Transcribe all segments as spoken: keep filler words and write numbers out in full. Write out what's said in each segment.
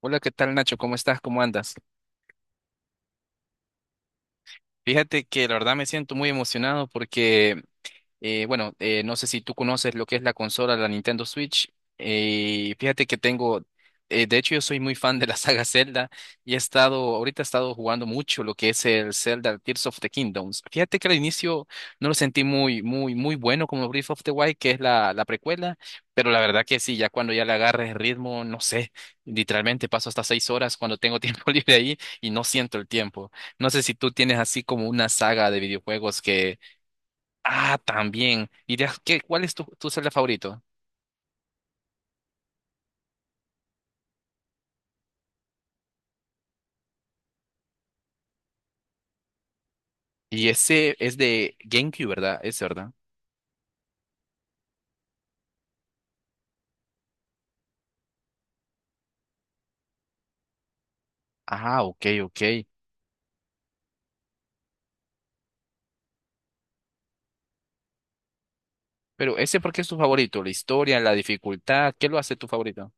Hola, ¿qué tal Nacho? ¿Cómo estás? ¿Cómo andas? Fíjate que la verdad me siento muy emocionado porque Eh, bueno, eh, no sé si tú conoces lo que es la consola, la Nintendo Switch. Eh, fíjate que tengo, eh, de hecho yo soy muy fan de la saga Zelda y he estado, ahorita he estado jugando mucho lo que es el Zelda Tears of the Kingdoms. Fíjate que al inicio no lo sentí muy, muy, muy bueno como Breath of the Wild, que es la, la precuela, pero la verdad que sí, ya cuando ya le agarres el ritmo, no sé, literalmente paso hasta seis horas cuando tengo tiempo libre ahí y no siento el tiempo. No sé si tú tienes así como una saga de videojuegos. Ah, también. ¿Y de, qué, cuál es tu, tu Zelda favorito? Y ese es de GameCube, ¿verdad? Ese, ¿verdad? Ah, ok, ok. Pero ese, ¿por qué es tu favorito? ¿La historia, la dificultad? ¿Qué lo hace tu favorito?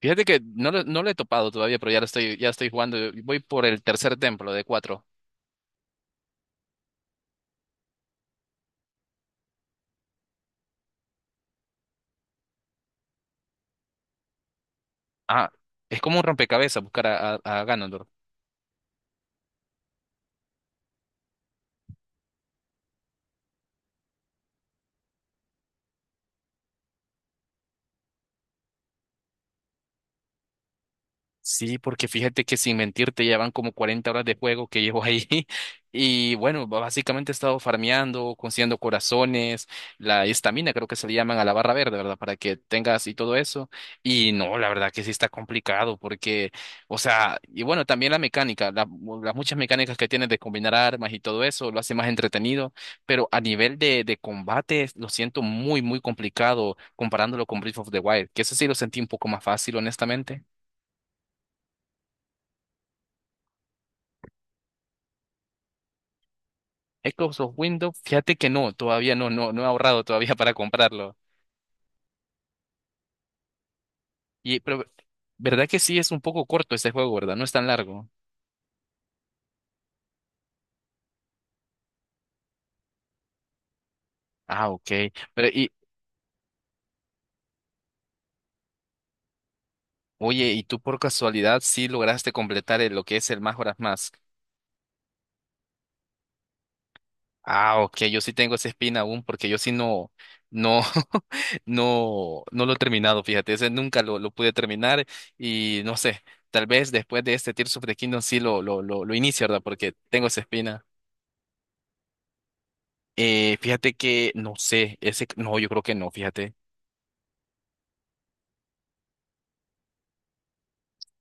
Fíjate que no, lo- no lo he topado todavía, pero ya lo estoy, ya estoy jugando. Voy por el tercer templo de cuatro. Ah, es como un rompecabezas buscar a, a, a Ganondorf. Sí, porque fíjate que sin mentirte ya van como cuarenta horas de juego que llevo ahí y bueno, b- básicamente he estado farmeando, consiguiendo corazones, la estamina creo que se le llaman a la barra verde, ¿verdad? Para que tengas y todo eso. Y no, la verdad que sí está complicado porque, o sea, y bueno, también la mecánica, la- las muchas mecánicas que tienes de combinar armas y todo eso lo hace más entretenido, pero a nivel de, de combate lo siento muy, muy complicado comparándolo con Breath of the Wild, que eso sí lo sentí un poco más fácil, honestamente. Microsoft Windows, fíjate que no, todavía no, no, no he ahorrado todavía para comprarlo. Y, pero, ¿verdad que sí es un poco corto este juego, verdad? No es tan largo. Ah, ok. Pero, y, oye, ¿y tú por casualidad sí lograste completar el- lo que es el Majora's Mask? Ah, ok, yo sí tengo esa espina aún porque yo sí no, no, no, no lo he terminado, fíjate, ese nunca lo, lo pude terminar y no sé, tal vez después de este Tears of the Kingdom sí lo, lo, lo, lo inicio, ¿verdad? Porque tengo esa espina. Eh, fíjate que no sé, ese no, yo creo que no, fíjate.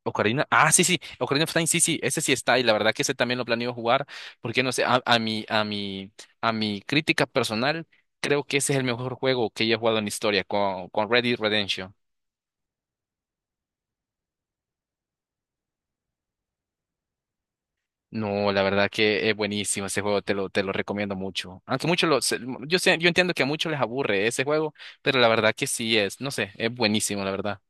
Ocarina, ah, sí, sí, Ocarina of Time, sí, sí, ese sí está, y la verdad que ese también lo planeo jugar, porque no sé, a, a mi, a mi, a mi crítica personal, creo que ese es el mejor juego que he jugado en la historia con, con Red Dead Redemption. No, la verdad que es buenísimo ese juego, te lo, te lo recomiendo mucho. Aunque muchos lo, se- yo sé, yo entiendo que a muchos les aburre ese juego, pero la verdad que sí es, no sé, es buenísimo, la verdad.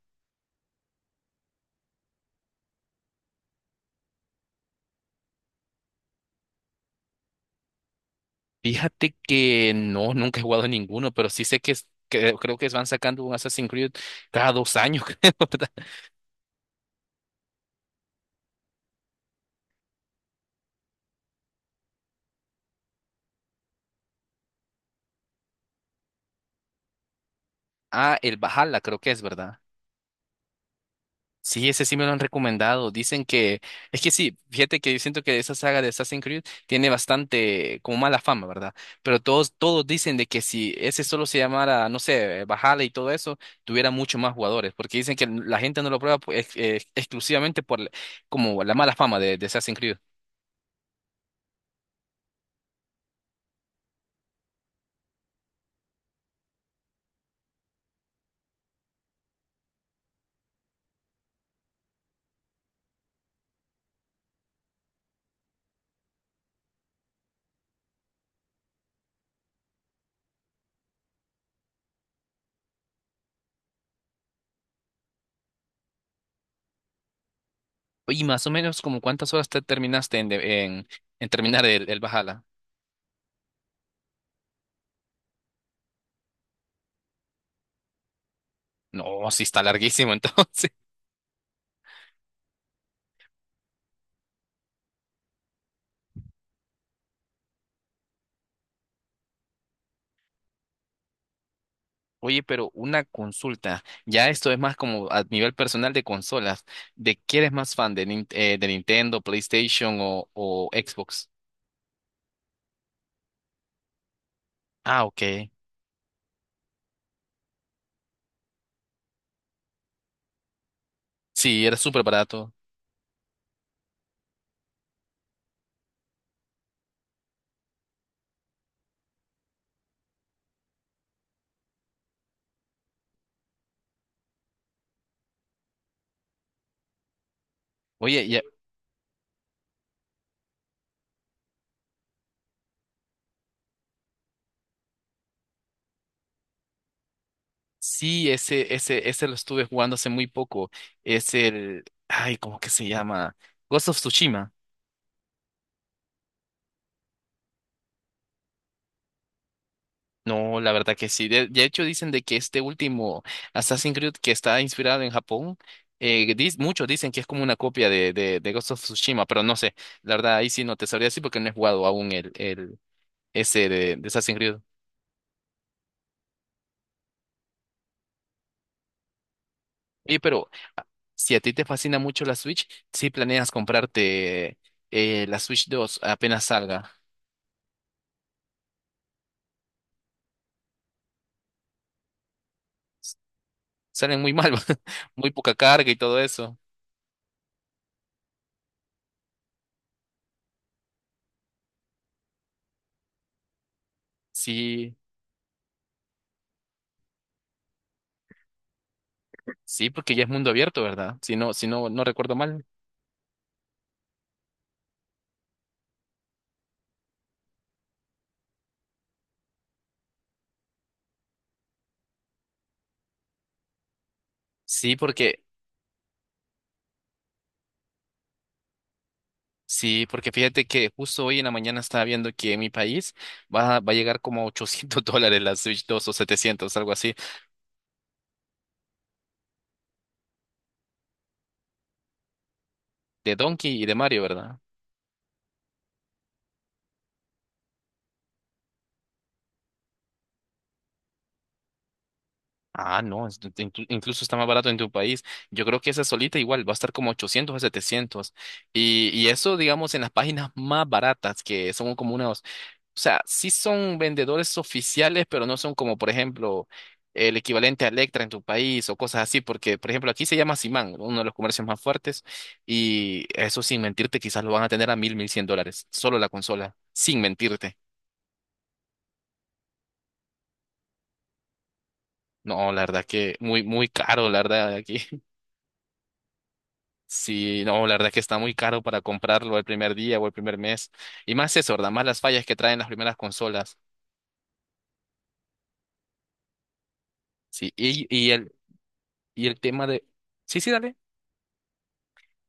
Fíjate que no, nunca he jugado ninguno, pero sí sé que, es- que creo que van sacando un Assassin's Creed cada dos años, creo, ¿verdad? Ah, el Valhalla creo que es, ¿verdad? Sí, ese sí me lo han recomendado. Dicen que, es que sí, fíjate que yo siento que esa saga de Assassin's Creed tiene bastante como mala fama, ¿verdad? Pero todos, todos dicen de que si ese solo se llamara, no sé, eh, Valhalla y todo eso, tuviera mucho más jugadores, porque dicen que la gente no lo prueba pues, ex- eh, exclusivamente por la- como la mala fama de, de Assassin's Creed. Y más o menos como cuántas horas te terminaste en, de- en, en terminar el, el Valhalla. No, sí está larguísimo entonces. Oye, pero una consulta. Ya esto es más como a nivel personal de consolas. ¿De qué eres más fan? ¿De, Nin- eh, de Nintendo, PlayStation o, o Xbox? Ah, ok. Sí, era súper barato. Oye, ya, sí, ese, ese, ese lo estuve jugando hace muy poco. Es el, ay, ¿cómo que se llama? Ghost of Tsushima. No, la verdad que sí. De, de hecho, dicen de que este último Assassin's Creed que está inspirado en Japón, eh, dis- muchos dicen que es como una copia de, de, de Ghost of Tsushima, pero no sé. La verdad, ahí sí no te sabría decir porque no he jugado aún el, el ese de, de Assassin's Creed. Y pero a- si a ti te fascina mucho la Switch, sí planeas comprarte eh, la Switch dos apenas salga. S- Salen muy mal, muy poca carga y todo eso. Sí, sí, porque ya es mundo abierto, ¿verdad? Si no, si no, no recuerdo mal. Sí, porque Sí, porque fíjate que justo hoy en la mañana estaba viendo que en mi país va, va a llegar como a ochocientos dólares la Switch dos o setecientos algo así, de Donkey y de Mario, ¿verdad? Ah, no, es- inclu- incluso está más barato en tu país. Yo creo que esa solita igual va a estar como ochocientos a setecientos. Y, y eso, digamos, en las páginas más baratas, que son como unas. O sea, sí son vendedores oficiales, pero no son como, por ejemplo, el equivalente a Electra en tu país o cosas así, porque, por ejemplo, aquí se llama Simán, uno de los comercios más fuertes, y eso sin mentirte, quizás lo van a tener a mil, mil cien dólares, solo la consola, sin mentirte. No, la verdad que muy, muy caro, la verdad, aquí. Sí, no, la verdad que está muy caro para comprarlo el primer día o el primer mes. Y más eso, ¿verdad? Más las fallas que traen las primeras consolas. Sí, y, y el, y el tema de... Sí, sí, dale.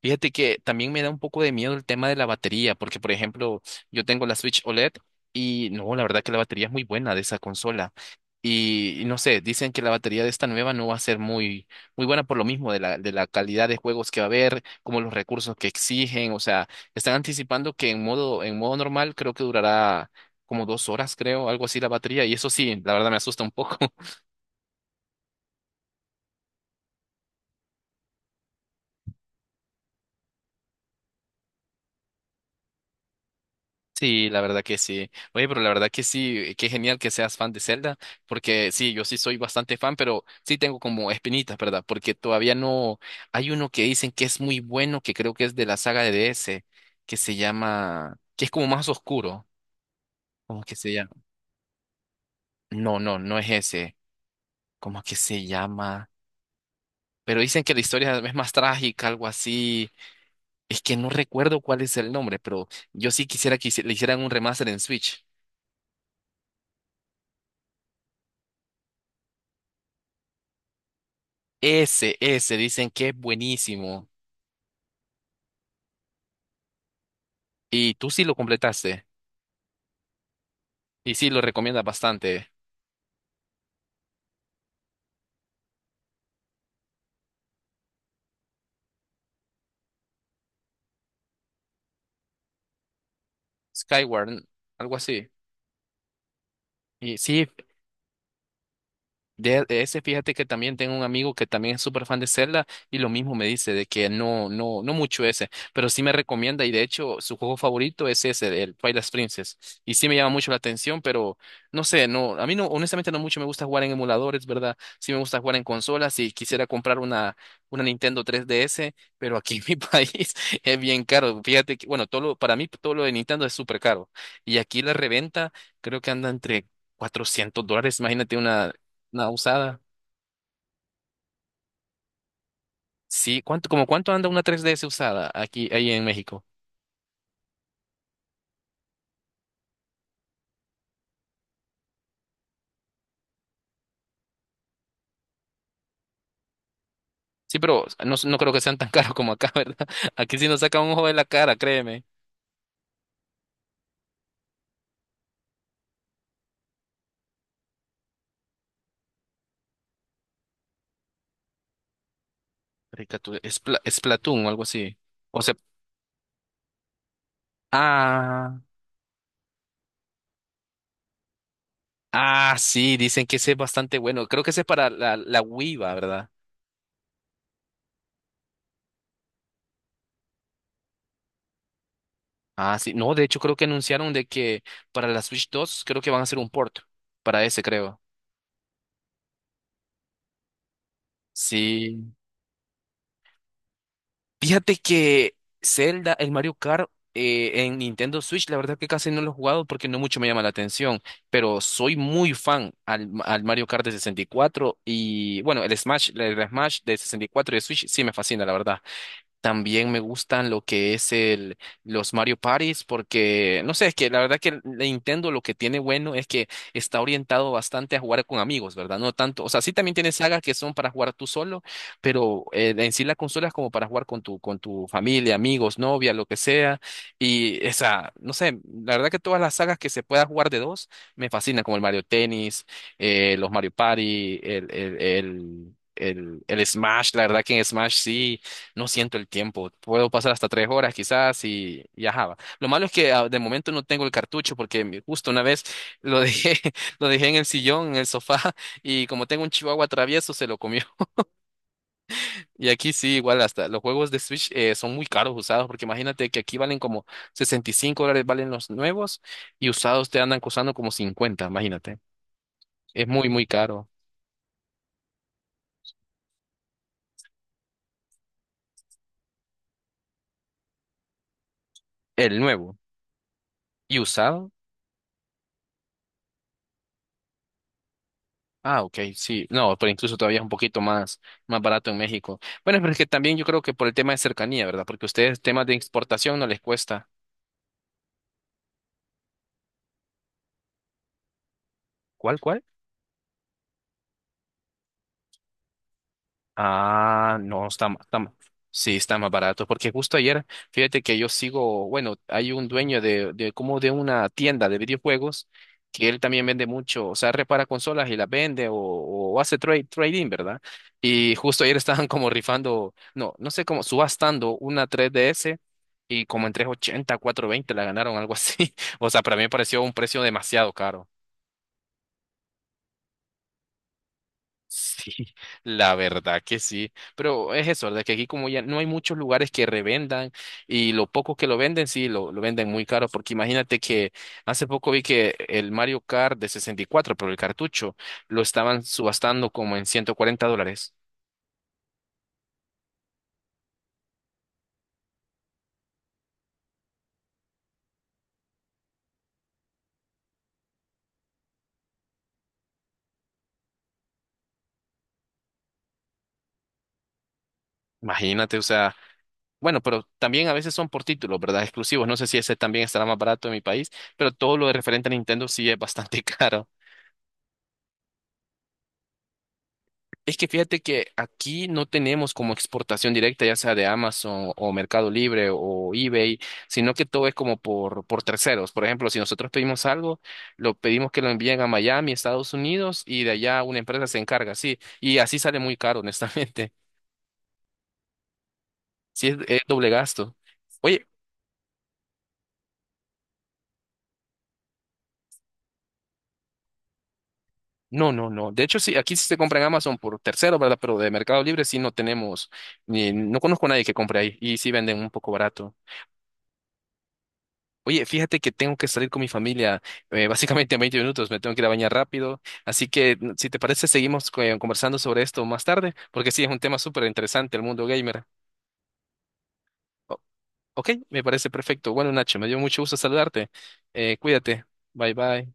Fíjate que también me da un poco de miedo el tema de la batería, porque por ejemplo, yo tengo la Switch OLED y no, la verdad que la batería es muy buena de esa consola. Y, y no sé, dicen que la batería de esta nueva no va a ser muy, muy buena por lo mismo de la, de la calidad de juegos que va a haber, como los recursos que exigen. O sea, están anticipando que en modo, en modo normal creo que durará como dos horas, creo, algo así la batería. Y eso sí, la verdad me asusta un poco. Sí, la verdad que sí. Oye, pero la verdad que sí, eh, qué genial que seas fan de Zelda, porque sí, yo sí soy bastante fan, pero sí tengo como espinitas, ¿verdad? Porque todavía no hay uno que dicen que es muy bueno, que creo que es de la saga de D S, que se llama, que es como más oscuro, como que se llama. No, no, no es ese, como que se llama, pero dicen que la historia es más trágica, algo así. Es que no recuerdo cuál es el nombre, pero yo sí quisiera que hici- le hicieran un remaster en Switch. Ese, ese, dicen que es buenísimo. Y tú sí lo completaste. Y sí lo recomiendas bastante. Skyward, algo así. Y sí, De de ese, fíjate que también tengo un amigo que también es súper fan de Zelda y lo mismo me dice de que no, no, no mucho ese, pero sí me recomienda y de hecho su juego favorito es ese, el Twilight Princess. Y sí me llama mucho la atención, pero no sé, no, a mí no, honestamente no mucho me gusta jugar en emuladores, ¿verdad? Sí me gusta jugar en consolas y quisiera comprar una, una Nintendo tres D S, pero aquí en mi país es bien caro. Fíjate que, bueno, todo lo- para mí todo lo de Nintendo es súper caro y aquí la reventa creo que anda entre cuatrocientos dólares, imagínate una una usada. Sí, ¿cuánto, como cuánto anda una tres D S usada aquí, ahí en México? Sí, pero no, no creo que sean tan caros como acá, ¿verdad? Aquí sí nos saca un ojo de la cara, créeme. Caricatura, es pla- es Splatoon o algo así. O sea, ah, ah, sí, dicen que ese es bastante bueno. Creo que ese es para la, la Wii, va, ¿verdad? Ah, sí. No, de hecho creo que anunciaron de que para la Switch dos creo que van a hacer un port para ese, creo. Sí. Fíjate que Zelda, el Mario Kart eh, en Nintendo Switch, la verdad que casi no lo he jugado porque no mucho me llama la atención, pero soy muy fan al, al Mario Kart de sesenta y cuatro y bueno, el Smash, el Smash de sesenta y cuatro y cuatro y de Switch sí me fascina, la verdad. También me gustan lo que es el, los Mario Parties porque, no sé, es que la verdad que el Nintendo lo que tiene bueno es que está orientado bastante a jugar con amigos, ¿verdad? No tanto, o sea, sí también tiene sagas que son para jugar tú solo, pero eh, en sí la consola es como para jugar con tu, con tu familia, amigos, novia, lo que sea. Y esa, no sé, la verdad que todas las sagas que se pueda jugar de dos me fascinan, como el Mario Tennis, eh, los Mario Party, el, el, el, el, el Smash, la verdad que en Smash sí. No siento el tiempo. Puedo pasar hasta tres horas quizás y, y ajá. Va. Lo malo es que ah, de momento no tengo el cartucho porque mi- justo una vez lo dejé, lo dejé en el sillón, en el sofá y como tengo un chihuahua travieso se lo comió. Y aquí sí, igual hasta los juegos de Switch eh, son muy caros usados porque imagínate que aquí valen como sesenta y cinco dólares valen los nuevos y usados te andan costando como cincuenta, imagínate. Es muy, muy caro. El nuevo. ¿Y usado? Ah, ok, sí, no, pero incluso todavía es un poquito más, más barato en México. Bueno, pero es que también yo creo que por el tema de cercanía, ¿verdad? Porque ustedes temas de exportación no les cuesta. ¿Cuál, cuál? Ah, no, está, ma- está, ma- sí, está más barato, porque justo ayer, fíjate que yo sigo, bueno, hay un dueño de, de como de una tienda de videojuegos que él también vende mucho, o sea, repara consolas y las vende o, o hace trade, trading, ¿verdad? Y justo ayer estaban como rifando, no, no sé cómo, subastando una tres D S y como en trescientos ochenta, veinte la ganaron, algo así. O sea, para mí me pareció un precio demasiado caro. Sí, la verdad que sí, pero es eso, de que aquí como ya no hay muchos lugares que revendan y lo poco que lo venden, sí, lo, lo venden muy caro, porque imagínate que hace poco vi que el Mario Kart de sesenta y cuatro pero el cartucho, lo estaban subastando como en ciento cuarenta dólares. Imagínate, o sea, bueno, pero también a veces son por títulos, ¿verdad? Exclusivos, no sé si ese también estará más barato en mi país, pero todo lo de referente a Nintendo sí es bastante caro. Es que fíjate que aquí no tenemos como exportación directa, ya sea de Amazon o Mercado Libre o eBay, sino que todo es como por, por terceros. Por ejemplo, si nosotros pedimos algo, lo pedimos que lo envíen a Miami, Estados Unidos, y de allá una empresa se encarga, sí. Y así sale muy caro, honestamente. Sí, es, es doble gasto. Oye, no, no, no. De hecho, sí, aquí sí se compra en Amazon por terceros, ¿verdad? Pero de Mercado Libre sí no tenemos, ni, no conozco a nadie que compre ahí y sí venden un poco barato. Oye, fíjate que tengo que salir con mi familia, eh, básicamente en veinte minutos, me tengo que ir a bañar rápido, así que n- si te parece seguimos co- eh, conversando sobre esto más tarde, porque sí, es un tema súper interesante el mundo gamer. O- ok, me parece perfecto. Bueno, Nacho, me dio mucho gusto saludarte. Eh, cuídate. Bye bye.